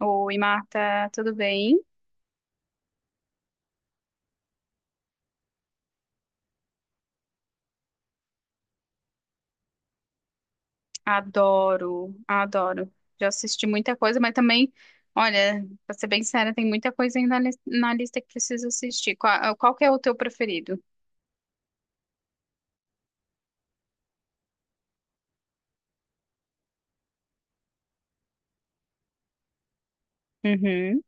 Oi, Marta, tudo bem? Adoro, adoro. Já assisti muita coisa, mas também, olha, pra ser bem séria, tem muita coisa ainda na lista que preciso assistir. Qual que é o teu preferido? Uhum,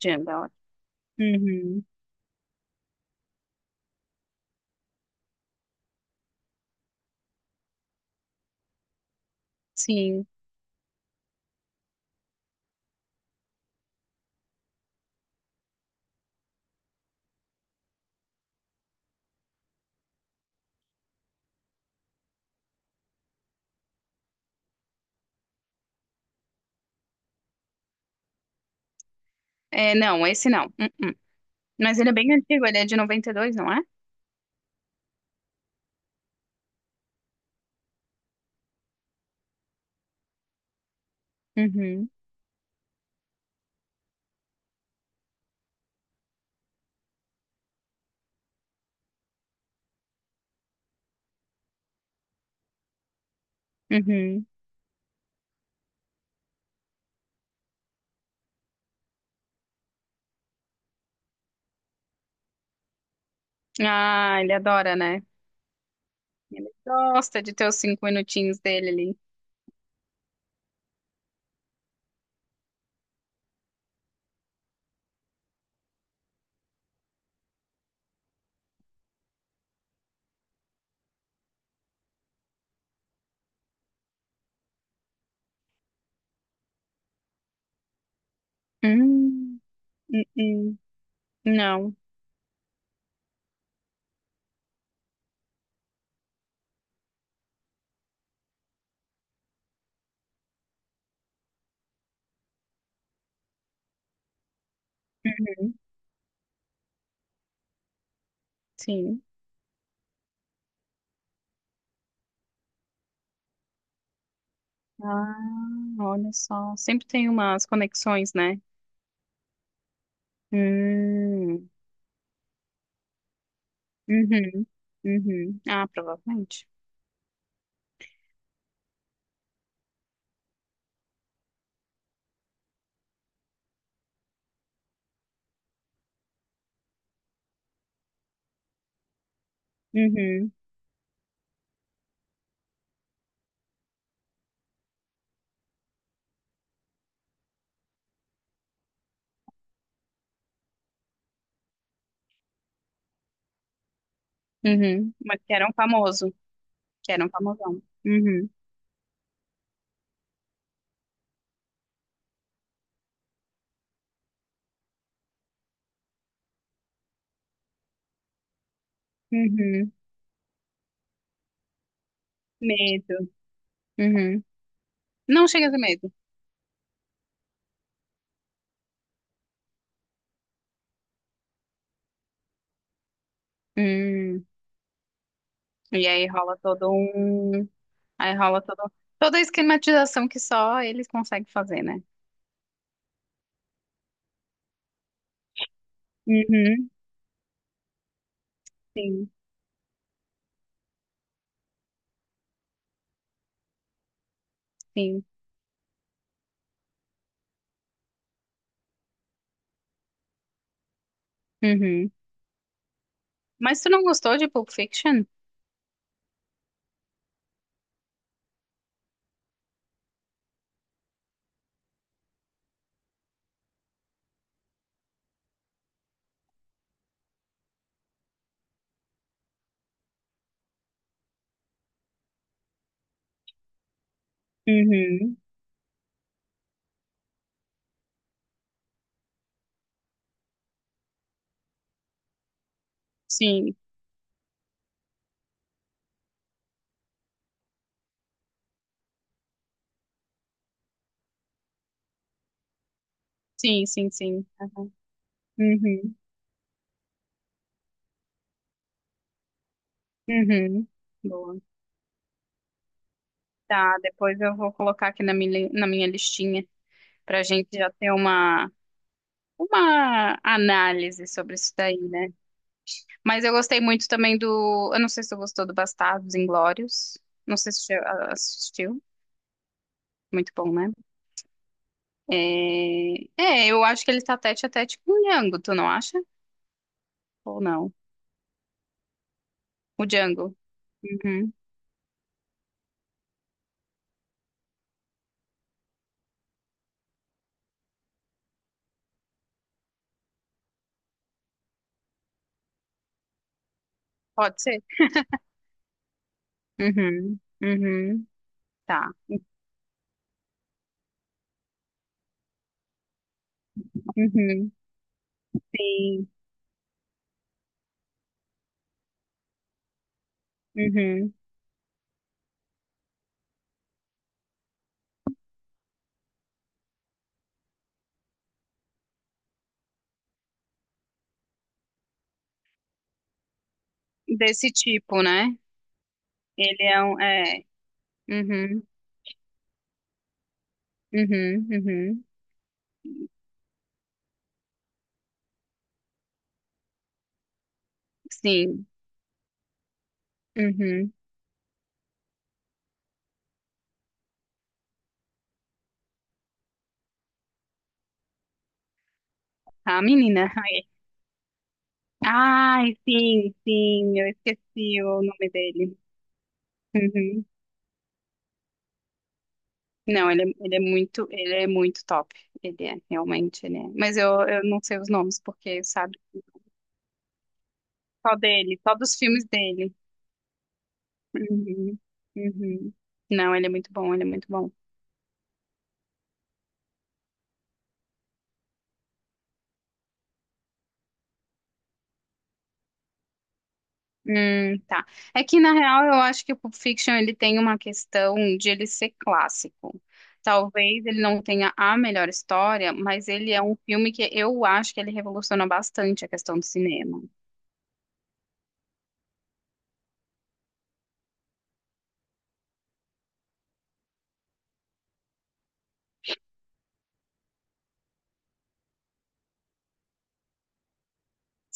Jane da hora. Uhum, sim. É, não, esse não. Uh-uh. Mas ele é bem antigo, ele é de 92, não é? Uhum, uhum. Ah, ele adora, né? Ele gosta de ter os cinco minutinhos dele ali. Hum, uh-uh. Não. Uhum, sim. Ah, olha só. Sempre tem umas conexões, né? Hum, uhum, uhum. Ah, provavelmente. Uhum, uhum. Mas que era um famoso. Que era um famosão. Uhum, uhum. Medo. Uhum. Não chega a ter medo. Hum. E aí rola todo um... Aí rola todo... Toda a esquematização que só eles conseguem fazer, né? Uhum. Sim, sim. Uhum. Mas tu não gostou de Pulp Fiction? Uhum. Sim, Sim, sim, sim. Aham. Uhum. Uhum. Boa. Tá, depois eu vou colocar aqui na minha listinha pra gente já ter uma análise sobre isso daí, né? Mas eu gostei muito também do. Eu não sei se você gostou do Bastardos Inglórios. Não sei se você assistiu. Muito bom, né? É... é, eu acho que ele tá tete a tete com o Django, tu não acha? Ou não? O Django. Uhum. Pode ser? Uhum. Uhum. Tá. Uhum. Sim. Uhum. Desse tipo, né? Ele é um. É. Uhum. Uhum. Uhum. Sim. Uhum. A menina. Ai, sim, sim. Eu esqueci o nome dele. Uhum. Não, ele, ele é muito top. Ele é, realmente, ele é. Mas eu não sei os nomes, porque, sabe? Só dele, só dos filmes dele. Uhum. Uhum. Não, ele é muito bom, ele é muito bom. Tá. É que, na real, eu acho que o Pulp Fiction ele tem uma questão de ele ser clássico. Talvez ele não tenha a melhor história, mas ele é um filme que eu acho que ele revoluciona bastante a questão do cinema.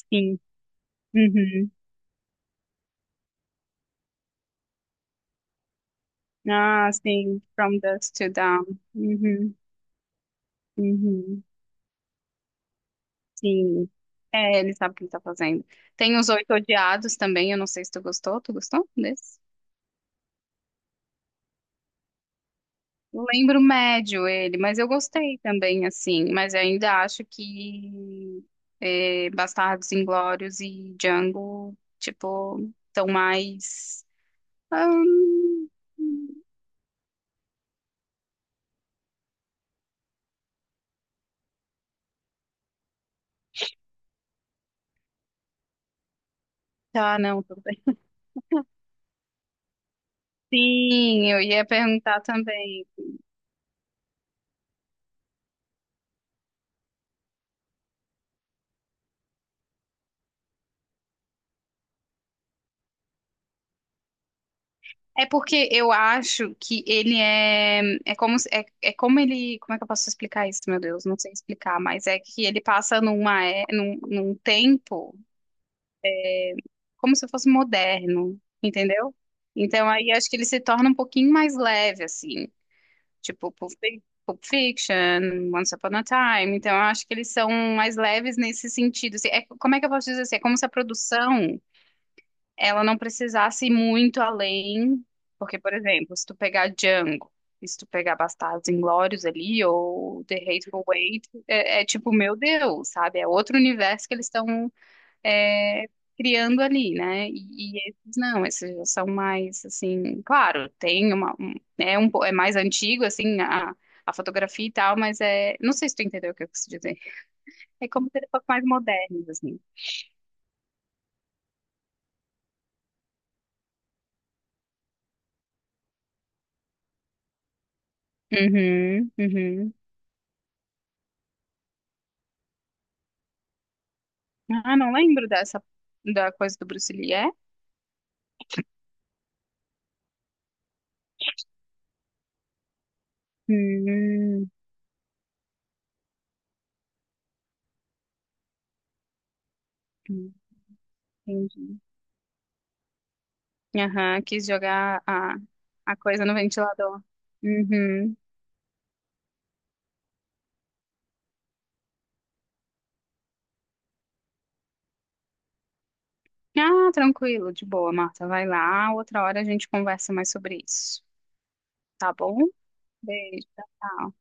Sim. Uhum. Ah, sim. From Dusk to Dawn. Uhum. Uhum. Sim. É, ele sabe o que ele tá fazendo. Tem Os Oito Odiados também, eu não sei se tu gostou. Tu gostou desse? Eu lembro médio ele, mas eu gostei também, assim. Mas eu ainda acho que é, Bastardos Inglórios e Django, tipo, estão mais. Ahn, tá, não, tudo bem. Sim, eu ia perguntar também. É porque eu acho que ele é. É como, é, é como ele. Como é que eu posso explicar isso, meu Deus? Não sei explicar, mas é que ele passa numa, num, num tempo. Como se fosse moderno, entendeu? Então aí acho que ele se torna um pouquinho mais leve, assim, tipo Pulp Fiction, Once Upon a Time. Então eu acho que eles são mais leves nesse sentido, assim. É, como é que eu posso dizer assim? É como se a produção ela não precisasse ir muito além, porque, por exemplo, se tu pegar Django. E se tu pegar Bastardos Inglórios ali, ou The Hateful Eight, é, é tipo, meu Deus, sabe? É outro universo que eles estão é, criando ali, né? E esses não, esses já são mais assim, claro, tem é é mais antigo assim a fotografia e tal, mas é não sei se tu entendeu o que eu quis dizer. É como ser um pouco mais modernos assim. Uhum, uhum. Ah, não lembro dessa da coisa do Bruce Lee, é? Hum, entendi. Aham, quis jogar a coisa no ventilador. Uhum. Ah, tranquilo, de boa, Marta. Vai lá. Outra hora a gente conversa mais sobre isso. Tá bom? Beijo, tchau, tchau.